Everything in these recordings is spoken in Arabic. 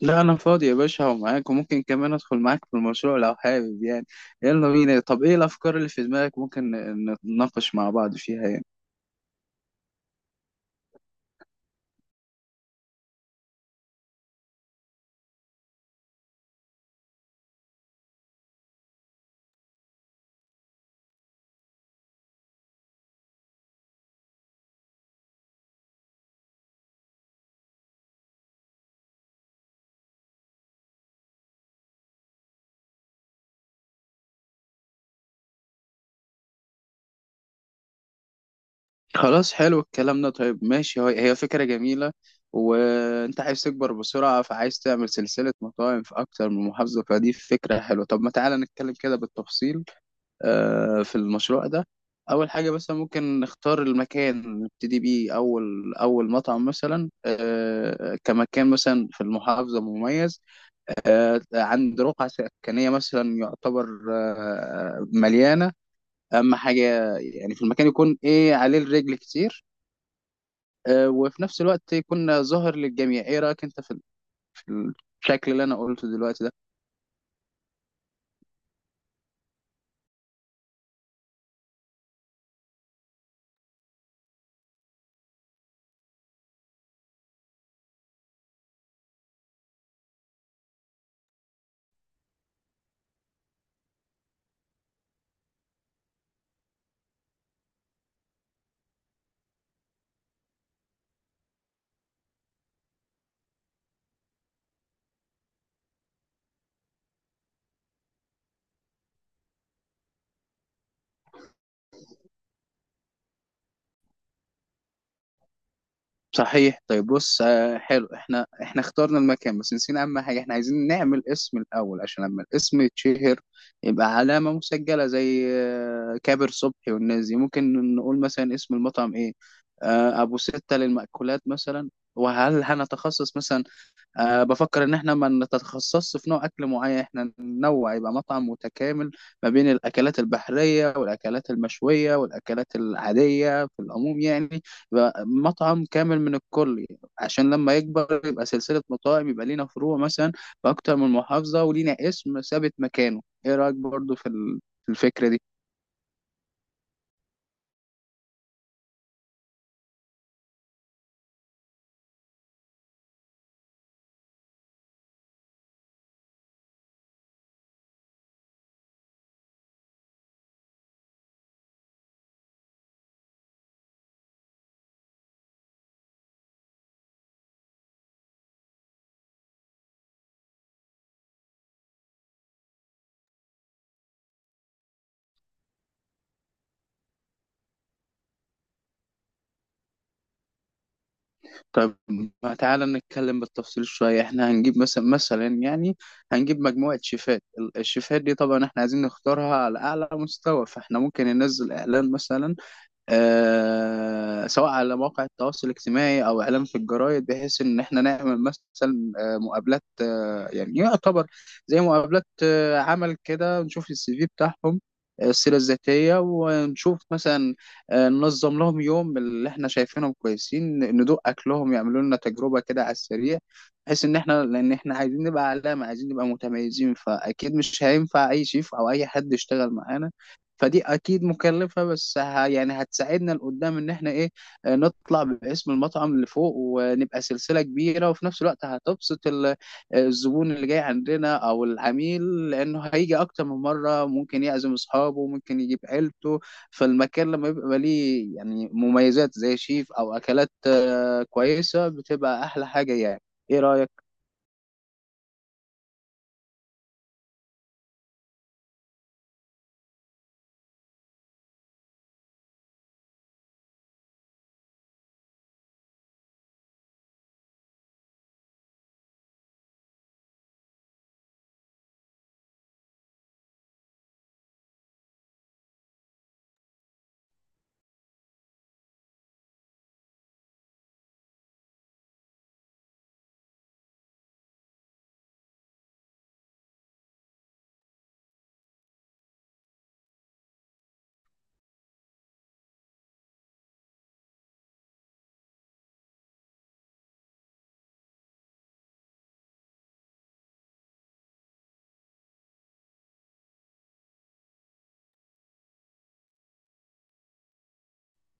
لا انا فاضي يا باشا ومعاك، وممكن كمان ادخل معاك في المشروع لو حابب يعني. يلا بينا. طب ايه الافكار اللي في دماغك ممكن نتناقش مع بعض فيها يعني؟ خلاص، حلو الكلام ده. طيب ماشي، هي فكرة جميلة. وانت عايز تكبر بسرعة، فعايز تعمل سلسلة مطاعم في اكتر من محافظة، فدي فكرة حلوة. طب ما تعالى نتكلم كده بالتفصيل في المشروع ده. اول حاجة مثلا ممكن نختار المكان نبتدي بيه اول اول مطعم، مثلا كمكان مثلا في المحافظة مميز، عند رقعة سكنية مثلا يعتبر مليانة. أهم حاجة يعني في المكان يكون إيه؟ عليه الرجل كتير، وفي نفس الوقت يكون ظاهر للجميع. إيه رأيك أنت في في الشكل اللي أنا قلته دلوقتي ده؟ صحيح. طيب بص، حلو. احنا اخترنا المكان، بس نسينا اهم حاجه. احنا عايزين نعمل اسم الاول، عشان لما الاسم يتشهر يبقى علامه مسجله زي كابر صبحي والناس دي. ممكن نقول مثلا اسم المطعم ايه؟ ابو سته للمأكولات مثلا. وهل هنتخصص مثلا؟ أه، بفكر إن إحنا ما نتخصصش في نوع أكل معين. إحنا ننوع، يبقى مطعم متكامل ما بين الأكلات البحرية والأكلات المشوية والأكلات العادية في العموم يعني. يبقى مطعم كامل من الكل، عشان لما يكبر يبقى سلسلة مطاعم، يبقى لينا فروع مثلا في أكتر من محافظة، ولينا اسم ثابت مكانه. إيه رأيك برضو في في الفكرة دي؟ طب ما تعالى نتكلم بالتفصيل شوية. احنا هنجيب مثلا يعني هنجيب مجموعة شيفات. الشيفات دي طبعا احنا عايزين نختارها على أعلى مستوى، فاحنا ممكن ننزل إعلان مثلا، سواء على مواقع التواصل الاجتماعي او اعلام في الجرايد، بحيث ان احنا نعمل مثلا مقابلات، يعني يعتبر زي مقابلات عمل كده، نشوف السي في بتاعهم، السيره الذاتيه، ونشوف مثلا ننظم لهم يوم اللي احنا شايفينهم كويسين ندوق اكلهم، يعملوا لنا تجربه كده على السريع. بحيث ان احنا، لان احنا عايزين نبقى علامه، عايزين نبقى متميزين، فاكيد مش هينفع اي شيف او اي حد يشتغل معانا. فدي اكيد مكلفه، بس يعني هتساعدنا لقدام ان احنا ايه، نطلع باسم المطعم لفوق ونبقى سلسله كبيره. وفي نفس الوقت هتبسط الزبون اللي جاي عندنا او العميل، لانه هيجي اكتر من مره، ممكن يعزم اصحابه، ممكن يجيب عيلته. فالمكان لما يبقى ليه يعني مميزات زي شيف او اكلات كويسه، بتبقى احلى حاجه يعني. ايه رايك؟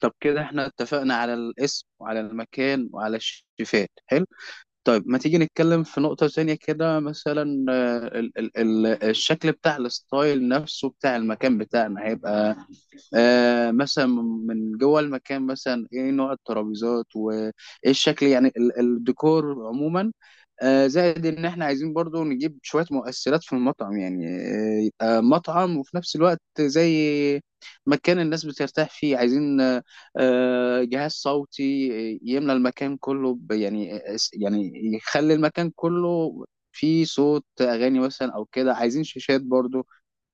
طب كده احنا اتفقنا على الاسم وعلى المكان وعلى الشيفات، حلو. طيب ما تيجي نتكلم في نقطة ثانية كده، مثلا آه، ال ال ال الشكل بتاع الستايل نفسه بتاع المكان بتاعنا هيبقى آه مثلا من جوه المكان مثلا ايه نوع الترابيزات، وايه الشكل يعني، الديكور عموما. آه، زائد ان احنا عايزين برضو نجيب شوية مؤثرات في المطعم يعني، آه، يبقى مطعم وفي نفس الوقت زي مكان الناس بترتاح فيه. عايزين آه، جهاز صوتي يملى المكان كله يعني يخلي المكان كله فيه صوت اغاني مثلا او كده. عايزين شاشات برضو.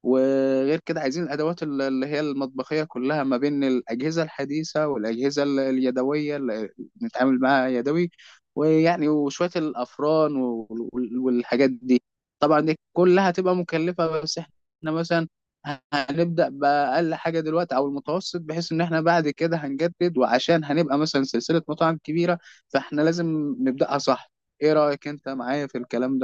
وغير كده عايزين الادوات اللي هي المطبخيه كلها، ما بين الاجهزه الحديثه والاجهزه اليدويه اللي بنتعامل معاها يدوي. ويعني وشويه الافران والحاجات دي. طبعا دي كلها هتبقى مكلفه، بس احنا مثلا هنبدا باقل حاجه دلوقتي او المتوسط، بحيث ان احنا بعد كده هنجدد، وعشان هنبقى مثلا سلسله مطاعم كبيره فاحنا لازم نبداها صح. ايه رايك انت معايا في الكلام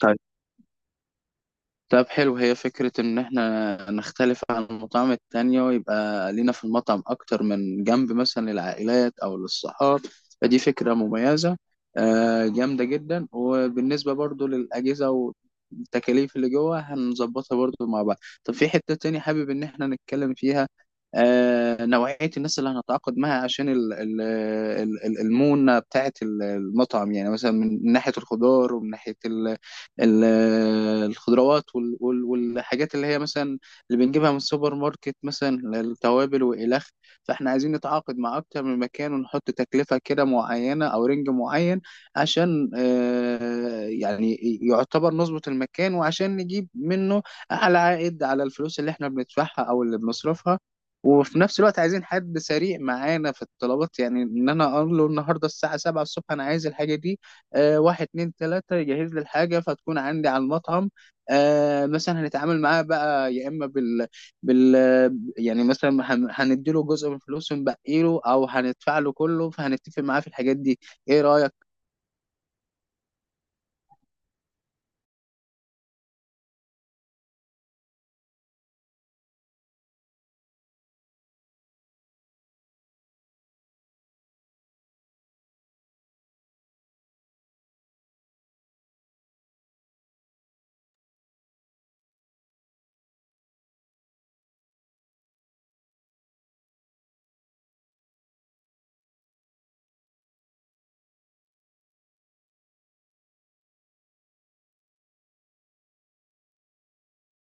ده؟ طب حلو، هي فكرة إن إحنا نختلف عن المطاعم التانية، ويبقى لينا في المطعم أكتر من جنب، مثلا للعائلات أو للصحاب. فدي فكرة مميزة جامدة جدا. وبالنسبة برضو للأجهزة والتكاليف اللي جوه هنظبطها برضو مع بعض. طب في حتة تانية حابب إن إحنا نتكلم فيها، نوعية الناس اللي هنتعاقد معها عشان المونة بتاعة المطعم يعني، مثلا من ناحية الخضار، ومن ناحية ال- الخضروات والحاجات اللي هي مثلا اللي بنجيبها من السوبر ماركت، مثلا التوابل والخ. فاحنا عايزين نتعاقد مع اكتر من مكان، ونحط تكلفة كده معينة او رينج معين عشان يعني يعتبر نظبط المكان، وعشان نجيب منه اعلى عائد على الفلوس اللي احنا بندفعها او اللي بنصرفها. وفي نفس الوقت عايزين حد سريع معانا في الطلبات، يعني ان انا اقول له النهارده الساعه 7 الصبح انا عايز الحاجه دي، آه، واحد اتنين تلاتة يجهز لي الحاجة فتكون عندي على المطعم. آه، مثلا هنتعامل معاه بقى يا إما بال يعني، مثلا هنديله جزء من فلوسه ونبقي له، أو هندفع له كله، فهنتفق معاه في الحاجات دي. إيه رأيك؟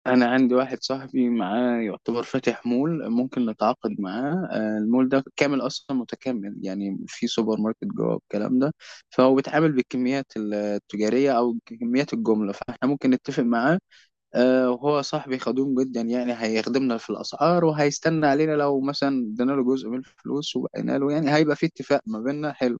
أنا عندي واحد صاحبي معاه، يعتبر فاتح مول، ممكن نتعاقد معاه. المول ده كامل أصلا متكامل، يعني في سوبر ماركت جوه الكلام ده، فهو بيتعامل بالكميات التجارية أو كميات الجملة، فإحنا ممكن نتفق معاه. وهو صاحبي خدوم جدا، يعني هيخدمنا في الأسعار، وهيستنى علينا لو مثلا ادينا له جزء من الفلوس وبقينا له، يعني هيبقى في اتفاق ما بيننا حلو.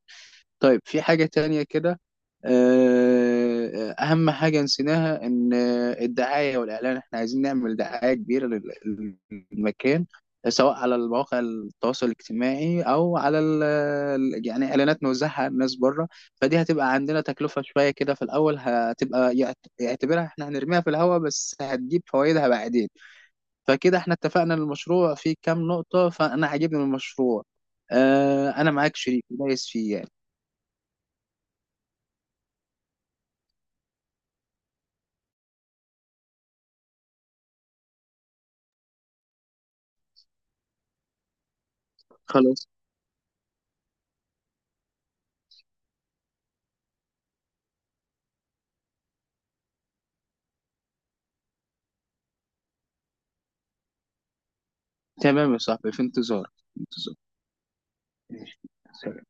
طيب في حاجة تانية كده، أهم حاجة نسيناها، إن الدعاية والإعلان، إحنا عايزين نعمل دعاية كبيرة للمكان، سواء على المواقع التواصل الاجتماعي أو على يعني إعلانات نوزعها على الناس بره. فدي هتبقى عندنا تكلفة شوية كده في الأول، هتبقى يعتبرها إحنا هنرميها في الهواء، بس هتجيب فوائدها بعدين. فكده إحنا اتفقنا إن المشروع فيه كام نقطة، فأنا عاجبني المشروع. أنا معاك شريك دايس فيه يعني. خلاص تمام يا صاحبي، في انتظارك في انتظارك. ماشي. سلام.